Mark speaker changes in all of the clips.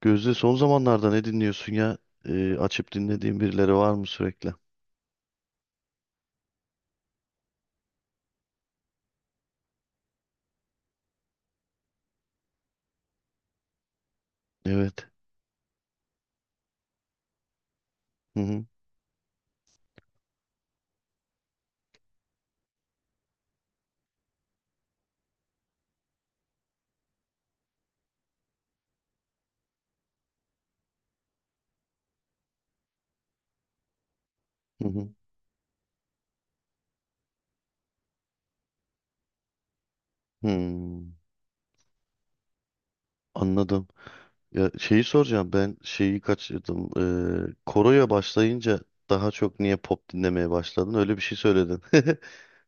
Speaker 1: Gözde son zamanlarda ne dinliyorsun ya? Açıp dinlediğin birileri var mı sürekli? Evet. Hı hı. Hı hı. Hmm, Anladım. Ya şeyi soracağım ben şeyi kaçırdım. Koroya başlayınca daha çok niye pop dinlemeye başladın? Öyle bir şey söyledin.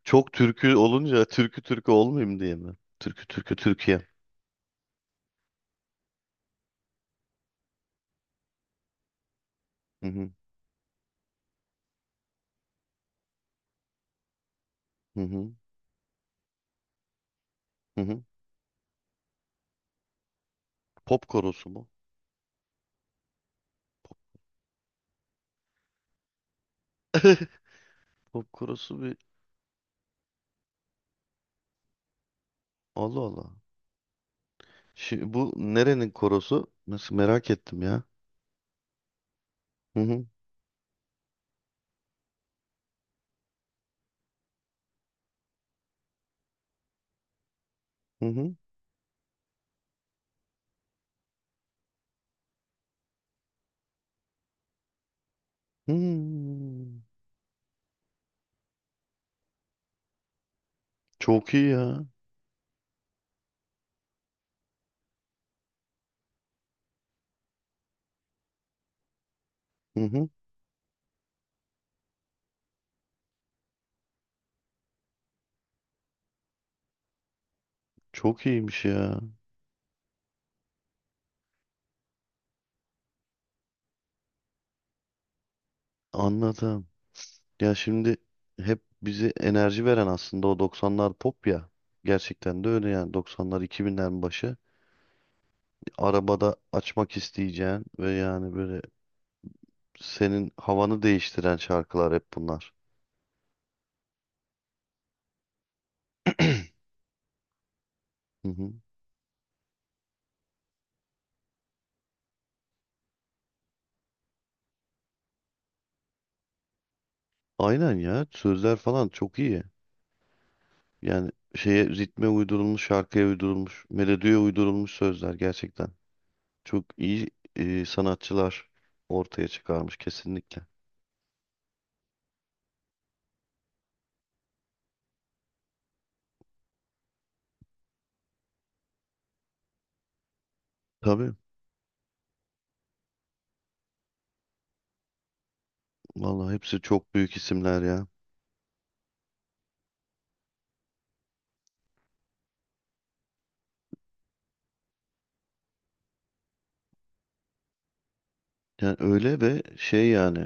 Speaker 1: Çok türkü olunca türkü türkü olmayayım diye mi? Türkü türkü Türkiye. Hı hı. Hı hı. Hı hı. Pop korosu mu? Pop korosu bir Allah Allah. Şimdi bu nerenin korosu? Nasıl merak ettim ya. Hı hı. Hmm. Çok iyi ya. Hı hı. Çok iyiymiş ya. Anladım. Ya şimdi hep bize enerji veren aslında o 90'lar pop ya. Gerçekten de öyle yani 90'lar 2000'lerin başı. Arabada açmak isteyeceğin ve yani böyle senin havanı değiştiren şarkılar hep bunlar. Hı hı. Aynen ya sözler falan çok iyi. Yani şeye ritme uydurulmuş, şarkıya uydurulmuş, melodiye uydurulmuş sözler gerçekten. Çok iyi sanatçılar ortaya çıkarmış kesinlikle. Tabii vallahi hepsi çok büyük isimler ya. Yani öyle ve şey yani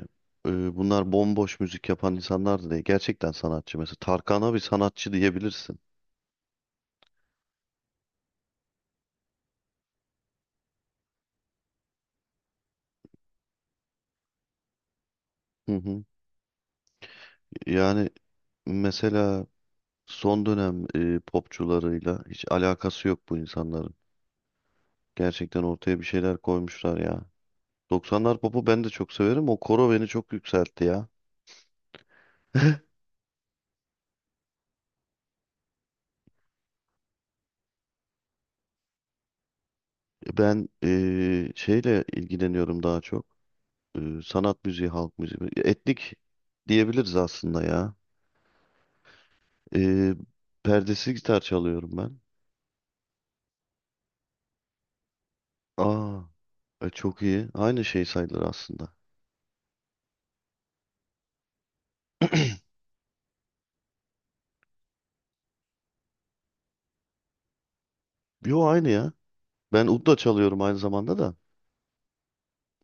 Speaker 1: bunlar bomboş müzik yapan insanlar da değil. Gerçekten sanatçı mesela. Tarkan'a bir sanatçı diyebilirsin. Hı hı. Yani mesela son dönem popçularıyla hiç alakası yok bu insanların. Gerçekten ortaya bir şeyler koymuşlar ya. 90'lar popu ben de çok severim. O koro beni çok yükseltti ya. Ben şeyle ilgileniyorum daha çok. Sanat müziği, halk müziği. Etnik diyebiliriz aslında ya. Eee, perdesiz gitar çalıyorum ben. Aa, çok iyi. Aynı şey sayılır aslında. Yo aynı ya. Ben ud da çalıyorum aynı zamanda da.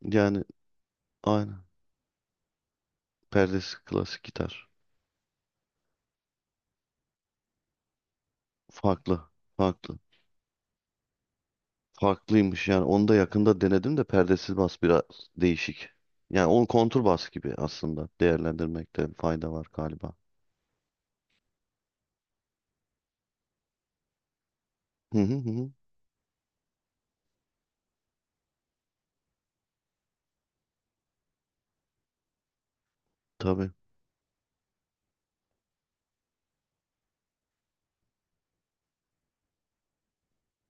Speaker 1: Yani aynı. Perdesi klasik gitar. Farklı. Farklı. Farklıymış yani. Onu da yakında denedim de perdesiz bas biraz değişik. Yani onu kontur bas gibi aslında değerlendirmekte fayda var galiba. Hı hı hı. Hı. Tabii.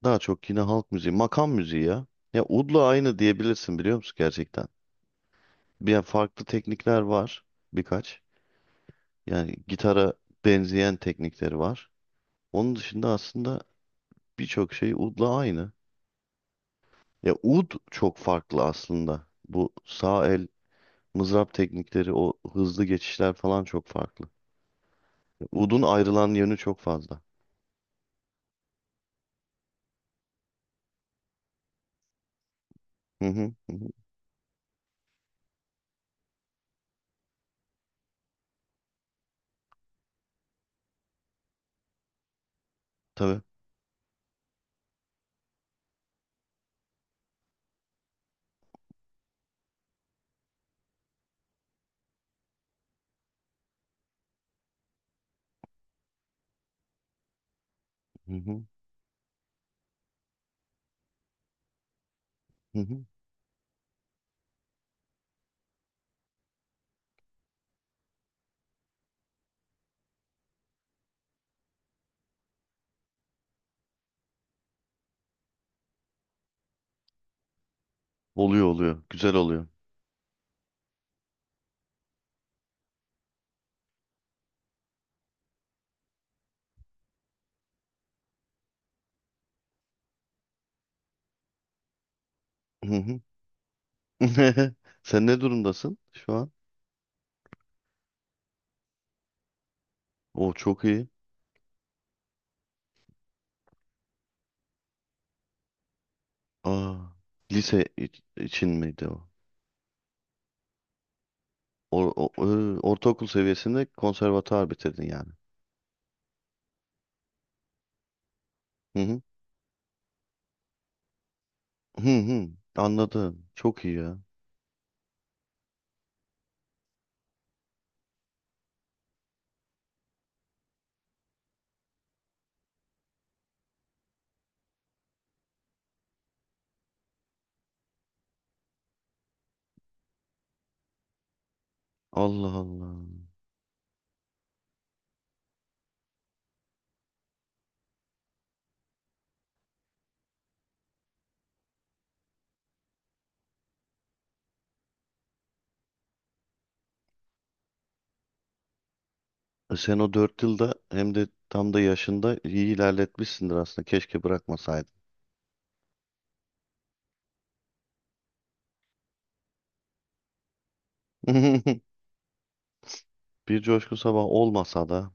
Speaker 1: Daha çok yine halk müziği, makam müziği ya. Ya udla aynı diyebilirsin biliyor musun gerçekten? Bir yani farklı teknikler var birkaç. Yani gitara benzeyen teknikleri var. Onun dışında aslında birçok şey udla aynı. Ya ud çok farklı aslında. Bu sağ el mızrap teknikleri, o hızlı geçişler falan çok farklı. Udun ayrılan yönü çok fazla. Hı hı hı. Hı. Tabii. Hı hı hı. Hı. Oluyor oluyor. Güzel oluyor. Hı hı. Sen ne durumdasın şu an? O çok iyi. Aa, lise için miydi o? Ortaokul seviyesinde konservatuar bitirdin yani. Hı hı. Hı hı. Anladım. Çok iyi ya. Allah Allah. Sen o 4 yılda hem de tam da yaşında iyi ilerletmişsindir aslında. Keşke bırakmasaydın. Bir coşku sabah olmasa da.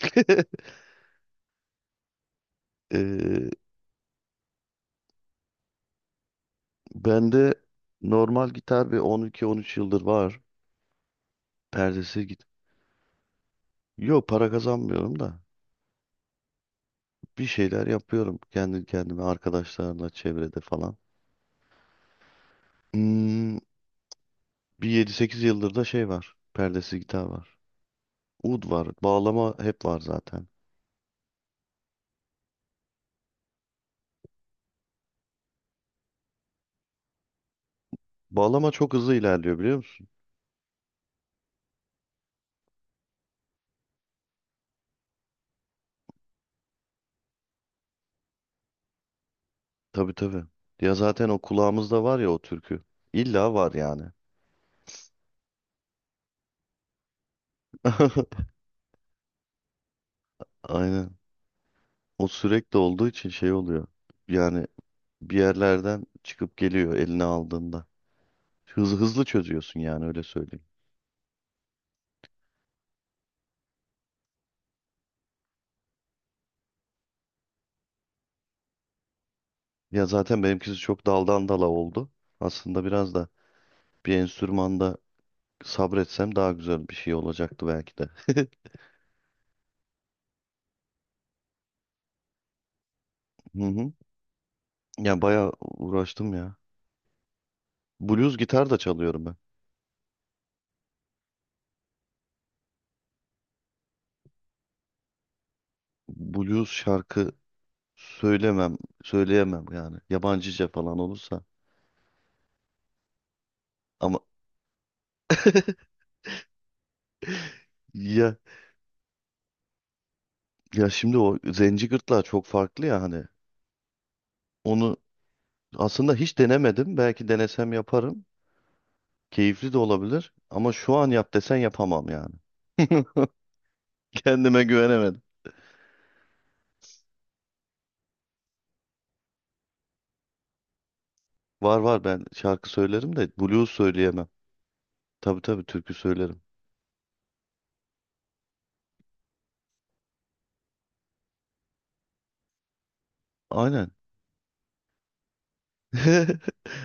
Speaker 1: Eee, bende normal gitar bir 12-13 yıldır var. Perdesiz gitar Yok para kazanmıyorum da bir şeyler yapıyorum kendi kendime arkadaşlarla çevrede falan. Hmm, bir 7-8 yıldır da şey var. Perdesiz gitar var. Ud var. Bağlama hep var zaten. Bağlama çok hızlı ilerliyor biliyor musun? Tabii tabii. Ya zaten o kulağımızda var ya o türkü. İlla var yani. Aynen. O sürekli olduğu için şey oluyor. Yani bir yerlerden çıkıp geliyor eline aldığında. Hızlı hızlı çözüyorsun yani öyle söyleyeyim. Ya zaten benimkisi çok daldan dala oldu. Aslında biraz da bir enstrümanda sabretsem daha güzel bir şey olacaktı belki de. Hı hı. Ya bayağı uğraştım ya. Blues gitar da çalıyorum ben. Blues şarkı söylemem, söyleyemem yani. Yabancıca falan olursa. Ama ya ya şimdi o zenci gırtlağı çok farklı ya hani. Onu aslında hiç denemedim. Belki denesem yaparım. Keyifli de olabilir. Ama şu an yap desen yapamam yani. Kendime güvenemedim. Var var ben şarkı söylerim de blues söyleyemem. Tabii tabii türkü söylerim. Aynen.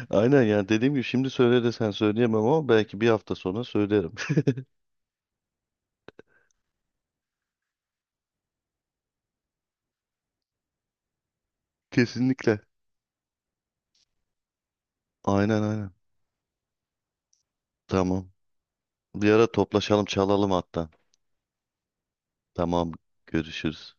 Speaker 1: Aynen yani dediğim gibi şimdi söyle desen söyleyemem ama belki bir hafta sonra söylerim. Kesinlikle. Aynen aynen. Tamam. Bir ara toplaşalım çalalım hatta. Tamam görüşürüz.